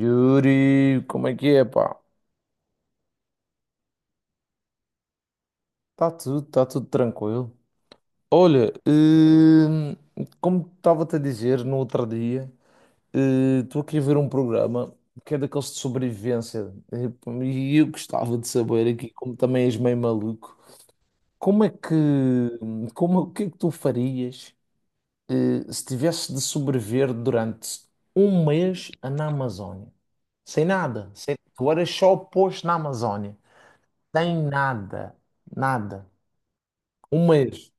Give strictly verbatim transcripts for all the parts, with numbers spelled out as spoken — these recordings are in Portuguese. Yuri, como é que é, pá? Tá tudo, tá tudo tranquilo. Olha, hum, como estava-te a dizer no outro dia, estou aqui a ver um programa que é daqueles de sobrevivência eh, pá, e eu gostava de saber aqui, como também és meio maluco, como é que, como, o que é que tu farias eh, se tivesse de sobreviver durante um mês na Amazónia? Sem nada, sem, tu eras só posto na Amazónia. Tem nada, nada. Um mês,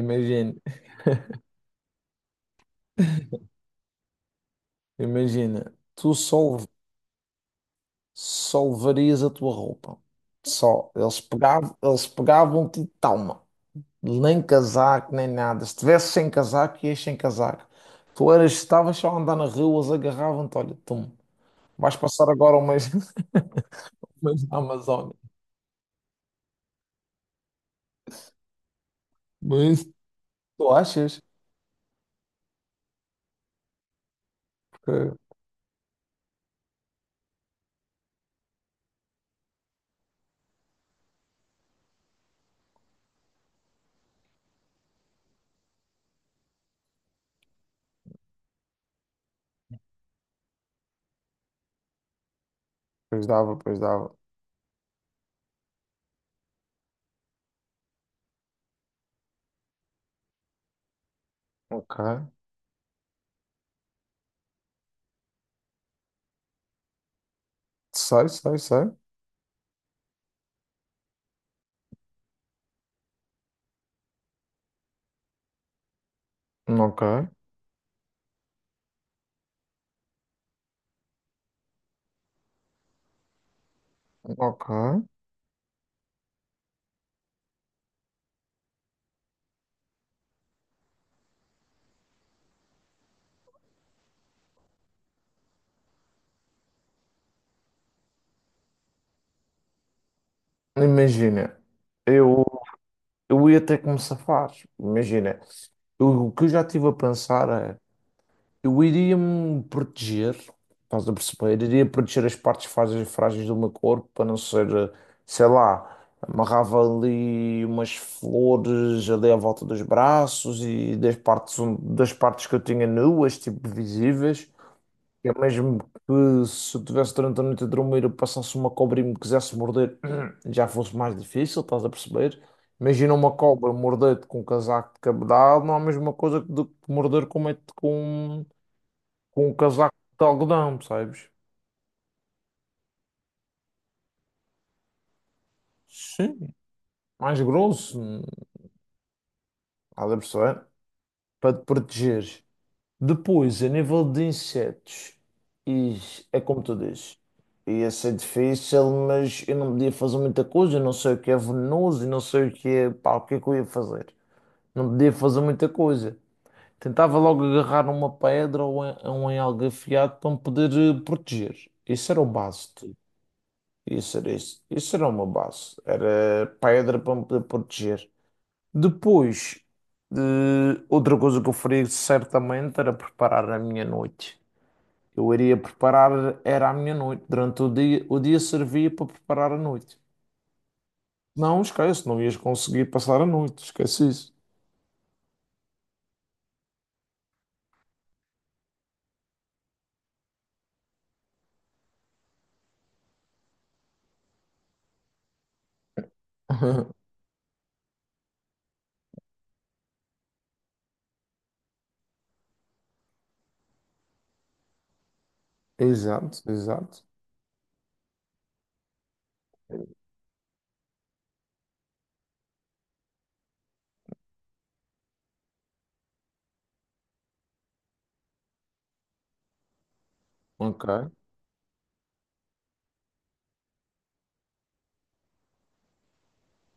imagina, imagina, tu só, só levarias a tua roupa. Só. Eles pegavam, eles pegavam-te e toma. Nem casaco, nem nada. Se tivesse sem casaco, ias sem casaco. Tu eras, estavas só a andar na rua, eles agarravam-te, olha, tu. Vais passar agora um mês, um mês na Amazónia. Mas tu achas? Que... Pois dava, pois dava. Ok. Sei, sei, sei. Ok, ok. Imagina, eu, eu ia ter que me safar. Imagina, eu- o que eu já estive a pensar é: eu iria me proteger, estás a perceber? Iria proteger as partes frágeis, frágeis do meu corpo para não ser, sei lá, amarrava ali umas flores ali à volta dos braços e das partes, das partes que eu tinha nuas, tipo visíveis. É mesmo que se eu tivesse durante a noite a dormir, eu passasse uma cobra e me quisesse morder, já fosse mais difícil, estás a perceber? Imagina uma cobra morder-te com um casaco de cabedal, não é a mesma coisa que do que morder com, uma- com, com um casaco de algodão, percebes? Sim. Mais grosso, hum, estás a perceber? Para te proteger. Depois, a nível de insetos, e é como tu dizes. Ia ser difícil, mas eu não podia fazer muita coisa. Eu não sei o que é venenoso, eu não sei o que é. Pá, o que é que eu ia fazer? Não podia fazer muita coisa. Tentava logo agarrar uma pedra ou em- ou um algo afiado para me poder eh, proteger. Isso era o base, tipo. Isso era isso. Isso era uma base. Era pedra para me poder proteger. Depois, eh, outra coisa que eu faria certamente era preparar a minha noite. Eu iria preparar, era a minha noite. Durante o dia, o dia servia para preparar a noite. Não, esquece, não ias conseguir passar a noite, esquece isso. Exato, exato. Ok.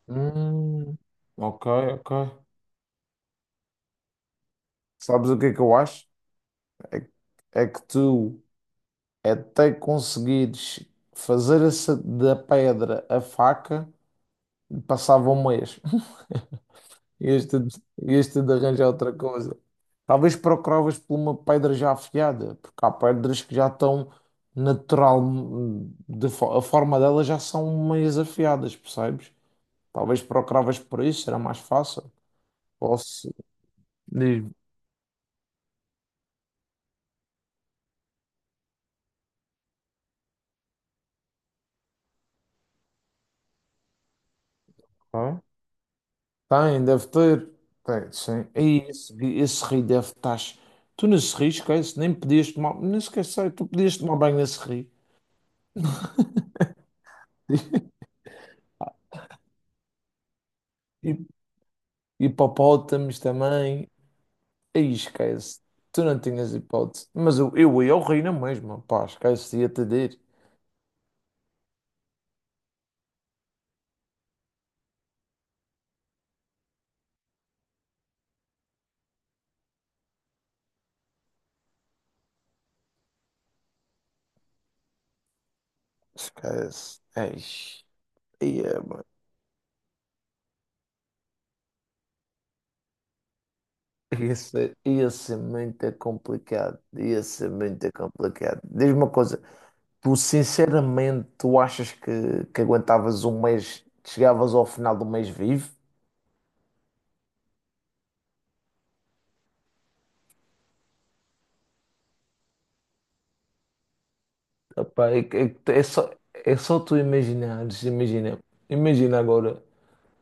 Hum, ok, ok. Sabes o que é que eu acho? É, que é que tu até conseguires fazer essa da pedra a faca, passava um mês. Este, este de arranjar outra coisa. Talvez procuravas por uma pedra já afiada, porque há pedras que já estão natural, de fo- a forma delas já são meias afiadas, percebes? Talvez procuravas por isso, será mais fácil. Ou se... Diz-me. Ah? Tem, deve ter. Tem, sim. E esse, esse rio deve estar. Tu nesse rio, esquece, nem podias tomar. Não esquece, tu podias tomar banho nesse rio. E hipopótamos também. Aí esquece. Tu não tinhas hipótese. Mas eu, eu ia ao reino mesmo mesma. Pá, esquece. Ia-te dizer. Esquece. Eish. Ia, mano. Ia ser, ia ser muito complicado. Ia ser muito complicado. Diz-me uma coisa. Tu, sinceramente, tu achas que, que aguentavas um mês, chegavas ao final do mês vivo? Epá, é, que- é, que é só, é só, tu imaginares. Imagina. Imagina agora.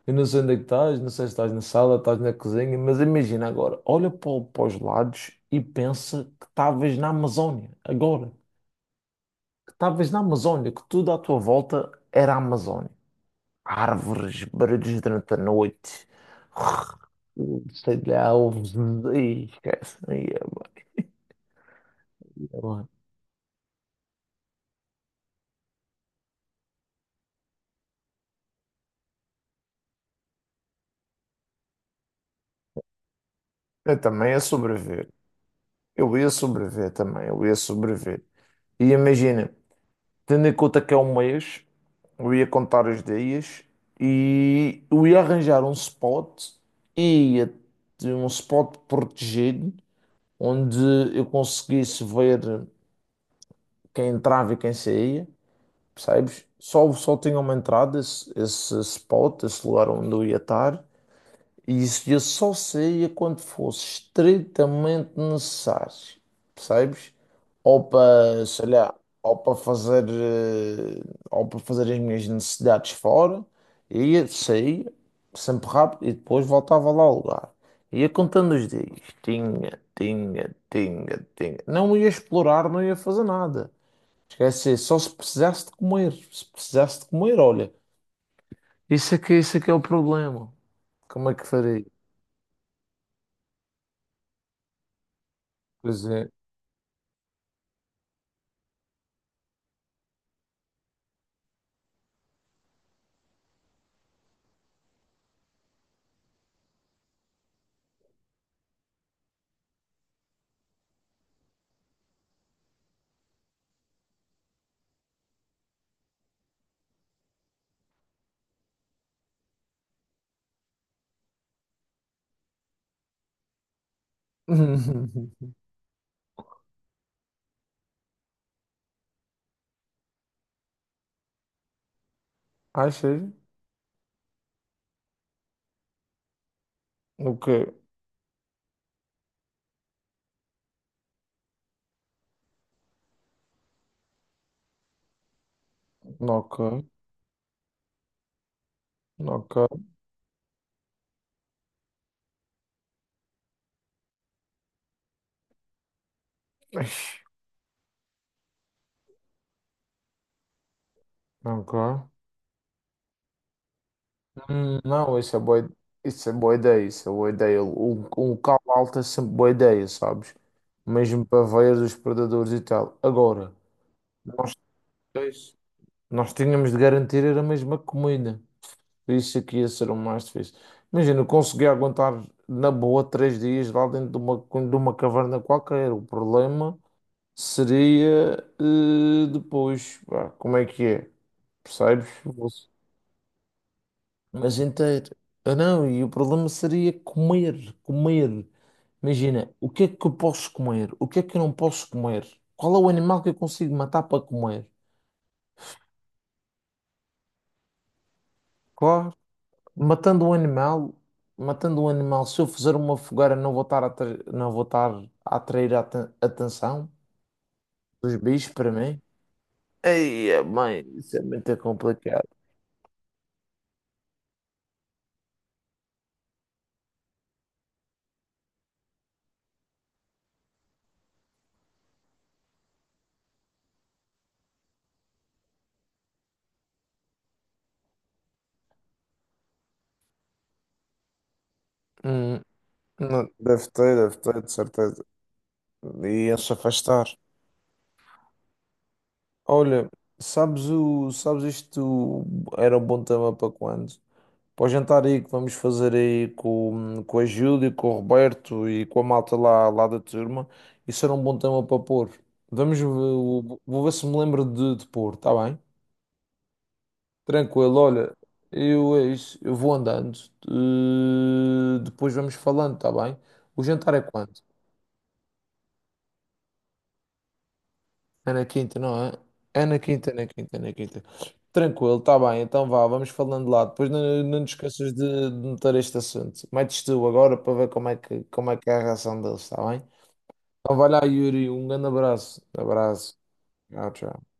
Eu não sei onde é que estás, não sei se estás na sala, estás na cozinha, mas imagina agora, olha para, o- para os lados e pensa que estavas na Amazónia, agora, que estavas na Amazónia, que tudo à tua volta era a Amazónia. Árvores, barulhos durante a noite, sei lá, ovos, e esquece. Aí é bué, é bué. Eu também ia sobreviver, eu ia sobreviver também, eu ia sobreviver. E imagina. Tendo em conta que é um mês, eu ia contar os dias e eu ia arranjar um spot e ia ter um spot protegido onde eu conseguisse ver quem entrava e quem saía, percebes? Só, só tinha uma entrada, esse, esse spot, esse lugar onde eu ia estar. E isso eu só saía quando fosse estritamente necessário, percebes? Ou para, sei lá, ou para fazer, eh, ou para fazer as minhas necessidades fora, ia, saía, sempre rápido, e depois voltava lá ao lugar. Ia contando os dias, tinha, tinha, tinha, tinha. Não ia explorar, não ia fazer nada. Esquece, só se precisasse de comer, se precisasse de comer, olha, isso aqui, isso aqui é o problema. Como é que farei? Pois é. Ah, sério? Ok, ok, ok. Ixi, ok. Hum, não, isso é boa, ide- isso é boa ideia, isso é boa ideia. Um, um local alto é sempre boa ideia, sabes? Mesmo para ver os predadores e tal. Agora, nós, dois, nós tínhamos de garantir era a mesma comida. Isso aqui ia ser o mais difícil. Imagina, eu consegui aguentar na boa três dias lá dentro de uma, de uma caverna qualquer. O problema seria eh, depois, pá, como é que é? Percebes? Você- Mas inteiro. Ah, não, e o problema seria comer, comer. Imagina, o que é que eu posso comer? O que é que eu não posso comer? Qual é o animal que eu consigo matar para comer? Claro. Matando um animal, matando um animal, se eu fizer uma fogueira, não vou estar a, atra- não vou estar a atrair a aten- atenção dos bichos para mim? Ei, mãe, isso é muito complicado. Não, deve ter, deve ter, de certeza. E ia-se afastar. Olha, sabes o, sabes isto era um bom tema para quando? Para o jantar aí que vamos fazer aí com, com, a Júlia, com o Roberto e com a malta lá, lá da turma, isso era um bom tema para pôr. Vamos ver, vou vou ver se me lembro de, de pôr, está bem? Tranquilo, olha, eu é isso, eu vou andando, eh, depois vamos falando, está bem? O jantar é quando? É na quinta, não é? É na quinta, é na quinta, é na quinta. Tranquilo, tá bem, então vá, vamos falando lá. Depois não, não te esqueças de, de notar este assunto. Metes tu agora para ver como é que, como é que é a reação deles, está bem? Então vai lá, Yuri, um grande abraço. Abraço. Tchau, tchau.